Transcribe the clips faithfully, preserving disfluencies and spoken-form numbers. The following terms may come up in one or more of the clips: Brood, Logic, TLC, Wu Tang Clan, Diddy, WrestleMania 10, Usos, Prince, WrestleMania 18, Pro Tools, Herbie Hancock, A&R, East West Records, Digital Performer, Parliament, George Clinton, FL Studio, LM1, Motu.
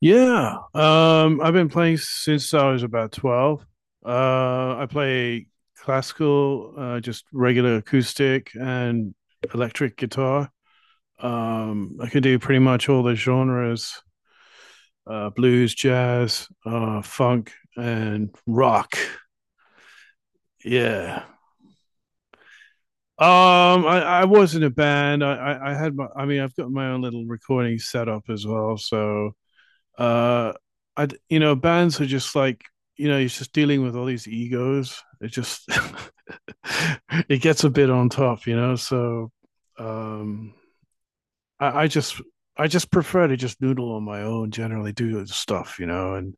Yeah. Um, I've been playing since I was about twelve. Uh, I play classical, uh, just regular acoustic and electric guitar. Um, I can do pretty much all the genres, uh, blues, jazz, uh, funk, and rock. Yeah. Um, I, I was in a band. I, I, I had my, I mean, I've got my own little recording setup as well. So, uh I, you know bands are just like, you know he's just dealing with all these egos. It just It gets a bit on top, you know so, um I, I just i just prefer to just noodle on my own, generally do stuff, you know and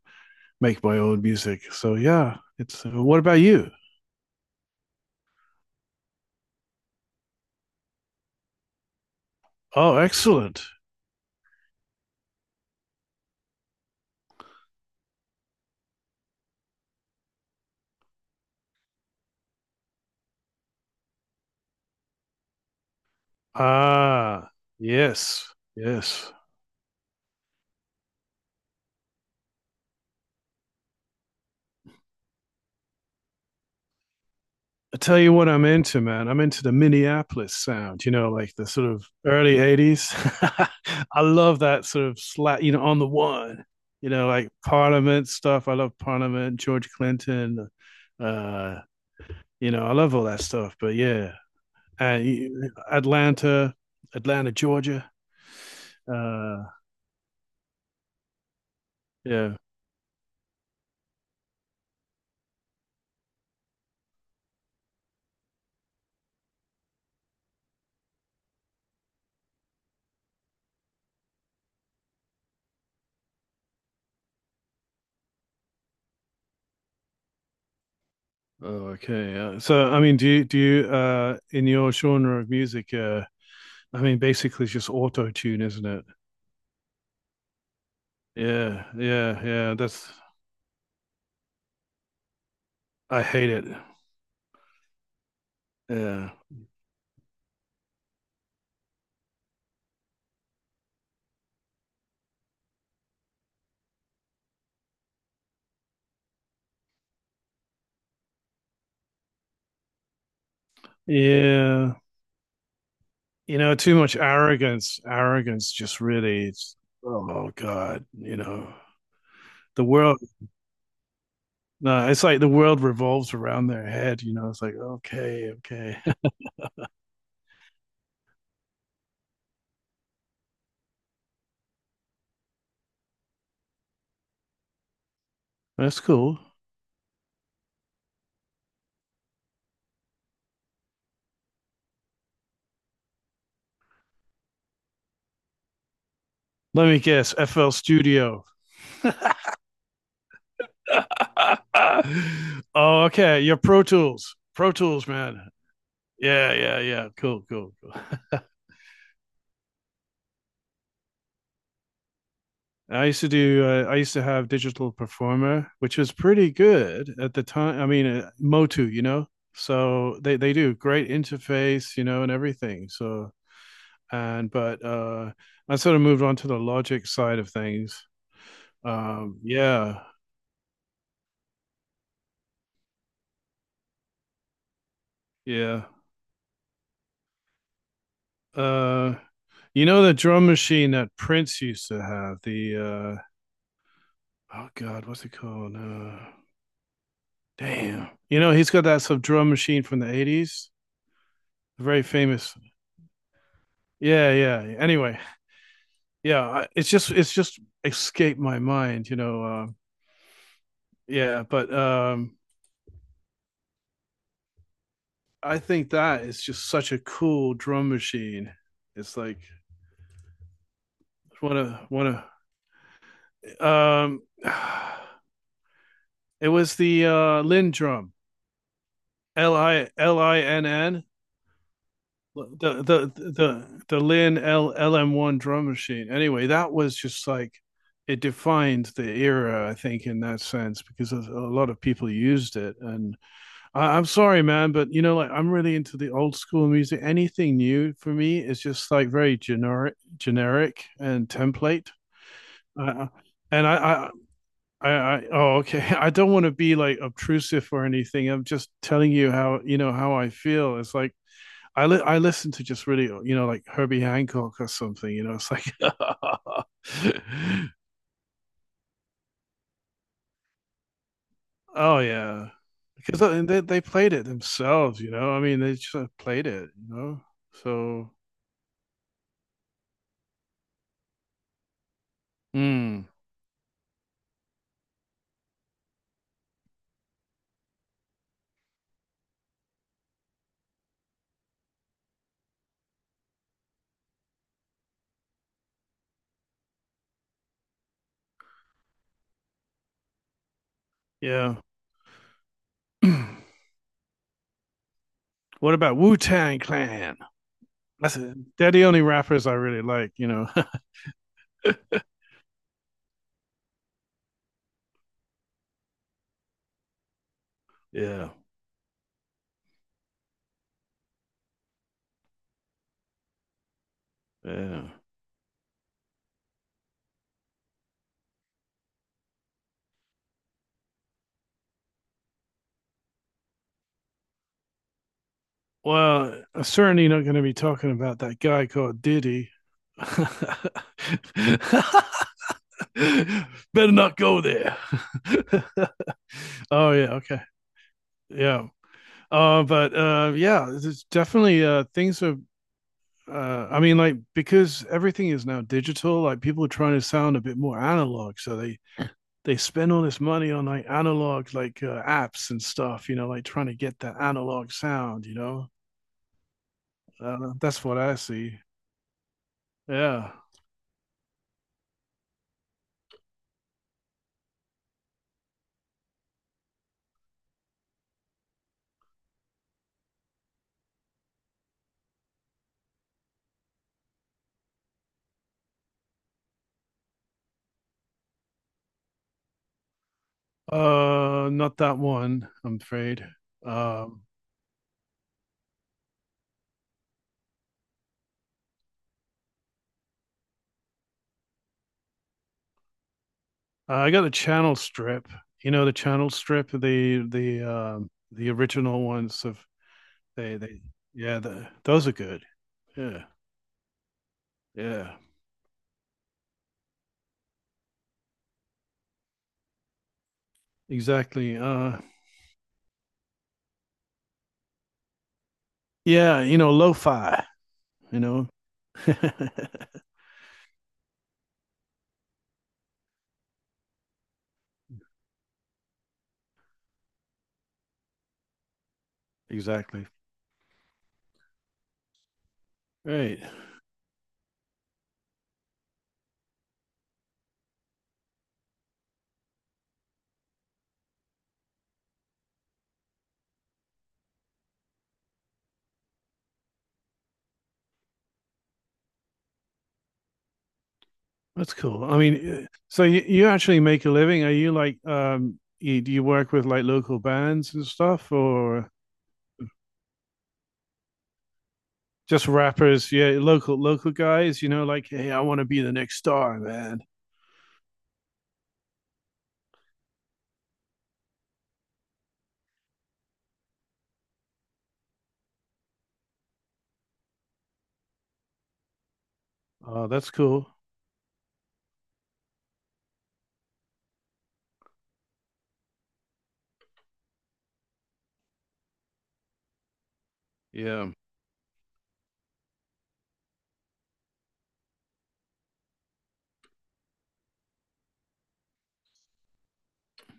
make my own music. So yeah, it's Uh, what about you? Oh, excellent. ah yes, yes. I tell you what I'm into, man. I'm into the Minneapolis sound, you know, like the sort of early eighties. I love that sort of slap, you know, on the one, you know, like Parliament stuff. I love Parliament, George Clinton. Uh, you know, I love all that stuff. But yeah, uh, Atlanta, Atlanta, Georgia. Uh, yeah. Oh, okay. Uh, so, I mean, do you, do you, uh, in your genre of music, uh, I mean, basically it's just auto tune, isn't it? Yeah, yeah, yeah. That's I hate it. Yeah, yeah. You know, too much arrogance. Arrogance just really. It's, oh God, you know the world. No, it's like the world revolves around their head. You know, it's like okay, okay, that's cool. Let me guess, F L Studio. Oh, okay. Your Pro Tools, Pro Tools, man. Yeah, yeah, yeah. Cool, cool, cool. I used to do. Uh, I used to have Digital Performer, which was pretty good at the time. I mean, uh, Motu, you know. So they they do great interface, you know, and everything. So and but uh, I sort of moved on to the Logic side of things. Um, yeah, yeah. Uh, you know the drum machine that Prince used to have? The, uh, oh God, what's it called? Uh, damn. You know he's got that sort of drum machine from the eighties. Very famous. Yeah, yeah. Anyway, yeah, it's just it's just escaped my mind, you know uh, yeah, but um I think that is just such a cool drum machine. It's like one of one of um it was the uh lin drum, l-i L I N N, the the the the lin L, lm1 drum machine. Anyway, that was just like, it defined the era, I think, in that sense, because a lot of people used it. And I, I'm sorry, man, but you know, like I'm really into the old school music. Anything new for me is just like very generic, generic and template. Uh, and I, I, I, I, oh, okay. I don't want to be like obtrusive or anything. I'm just telling you how, you know, how I feel. It's like I, li- I listen to just really, you know, like Herbie Hancock or something. You know, it's like, oh yeah, because they they played it themselves. You know, I mean, they just uh, played it. You know, so. Mm. Yeah. What about Wu Tang Clan? That's it. They're the only rappers I really like, you know. Yeah. Yeah. Well, I'm certainly not going to be talking about that guy called Diddy. Better not go there. Oh yeah, okay, yeah. Uh, but uh, yeah, it's definitely uh, things are. Uh, I mean, like because everything is now digital, like people are trying to sound a bit more analog, so they they spend all this money on like analog, like uh, apps and stuff, you know, like trying to get that analog sound, you know. Uh, that's what I see. Yeah. Uh, not that one, I'm afraid. Um, I got a channel strip. You know the channel strip, the the um the original ones of they they yeah, the, those are good. Yeah. Yeah. Exactly. Uh, yeah, you know, lo-fi, you know. Exactly. Right. That's cool. I mean, uh, so you, you actually make a living. Are you like, um, you, do you work with like local bands and stuff or just rappers? Yeah, local, local guys, you know, like, hey, I want to be the next star, man. Oh, that's cool. Yeah.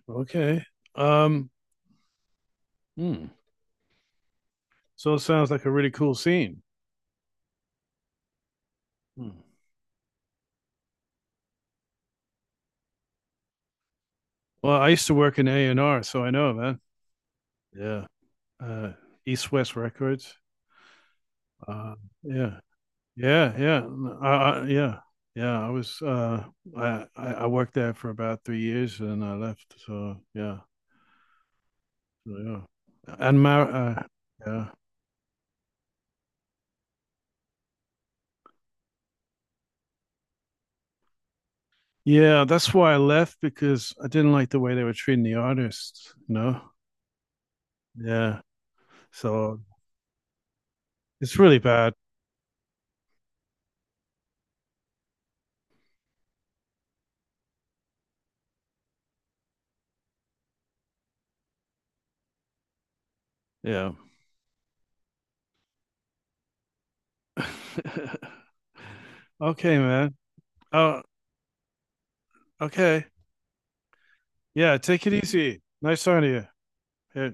Okay. Um, hmm. So it sounds like a really cool scene. Hmm. Well, I used to work in A and R, so I know, man. Yeah. Uh, East West Records. Uh, yeah. Yeah, yeah, N- I, I, yeah, yeah. I was uh, I I I worked there for about three years and I left. So yeah, so, yeah, and my uh, yeah, yeah. That's why I left because I didn't like the way they were treating the artists. You know, yeah. So it's really bad. Yeah. Okay, man. Oh, okay. Yeah. Take it easy. Nice talking to you. Yeah.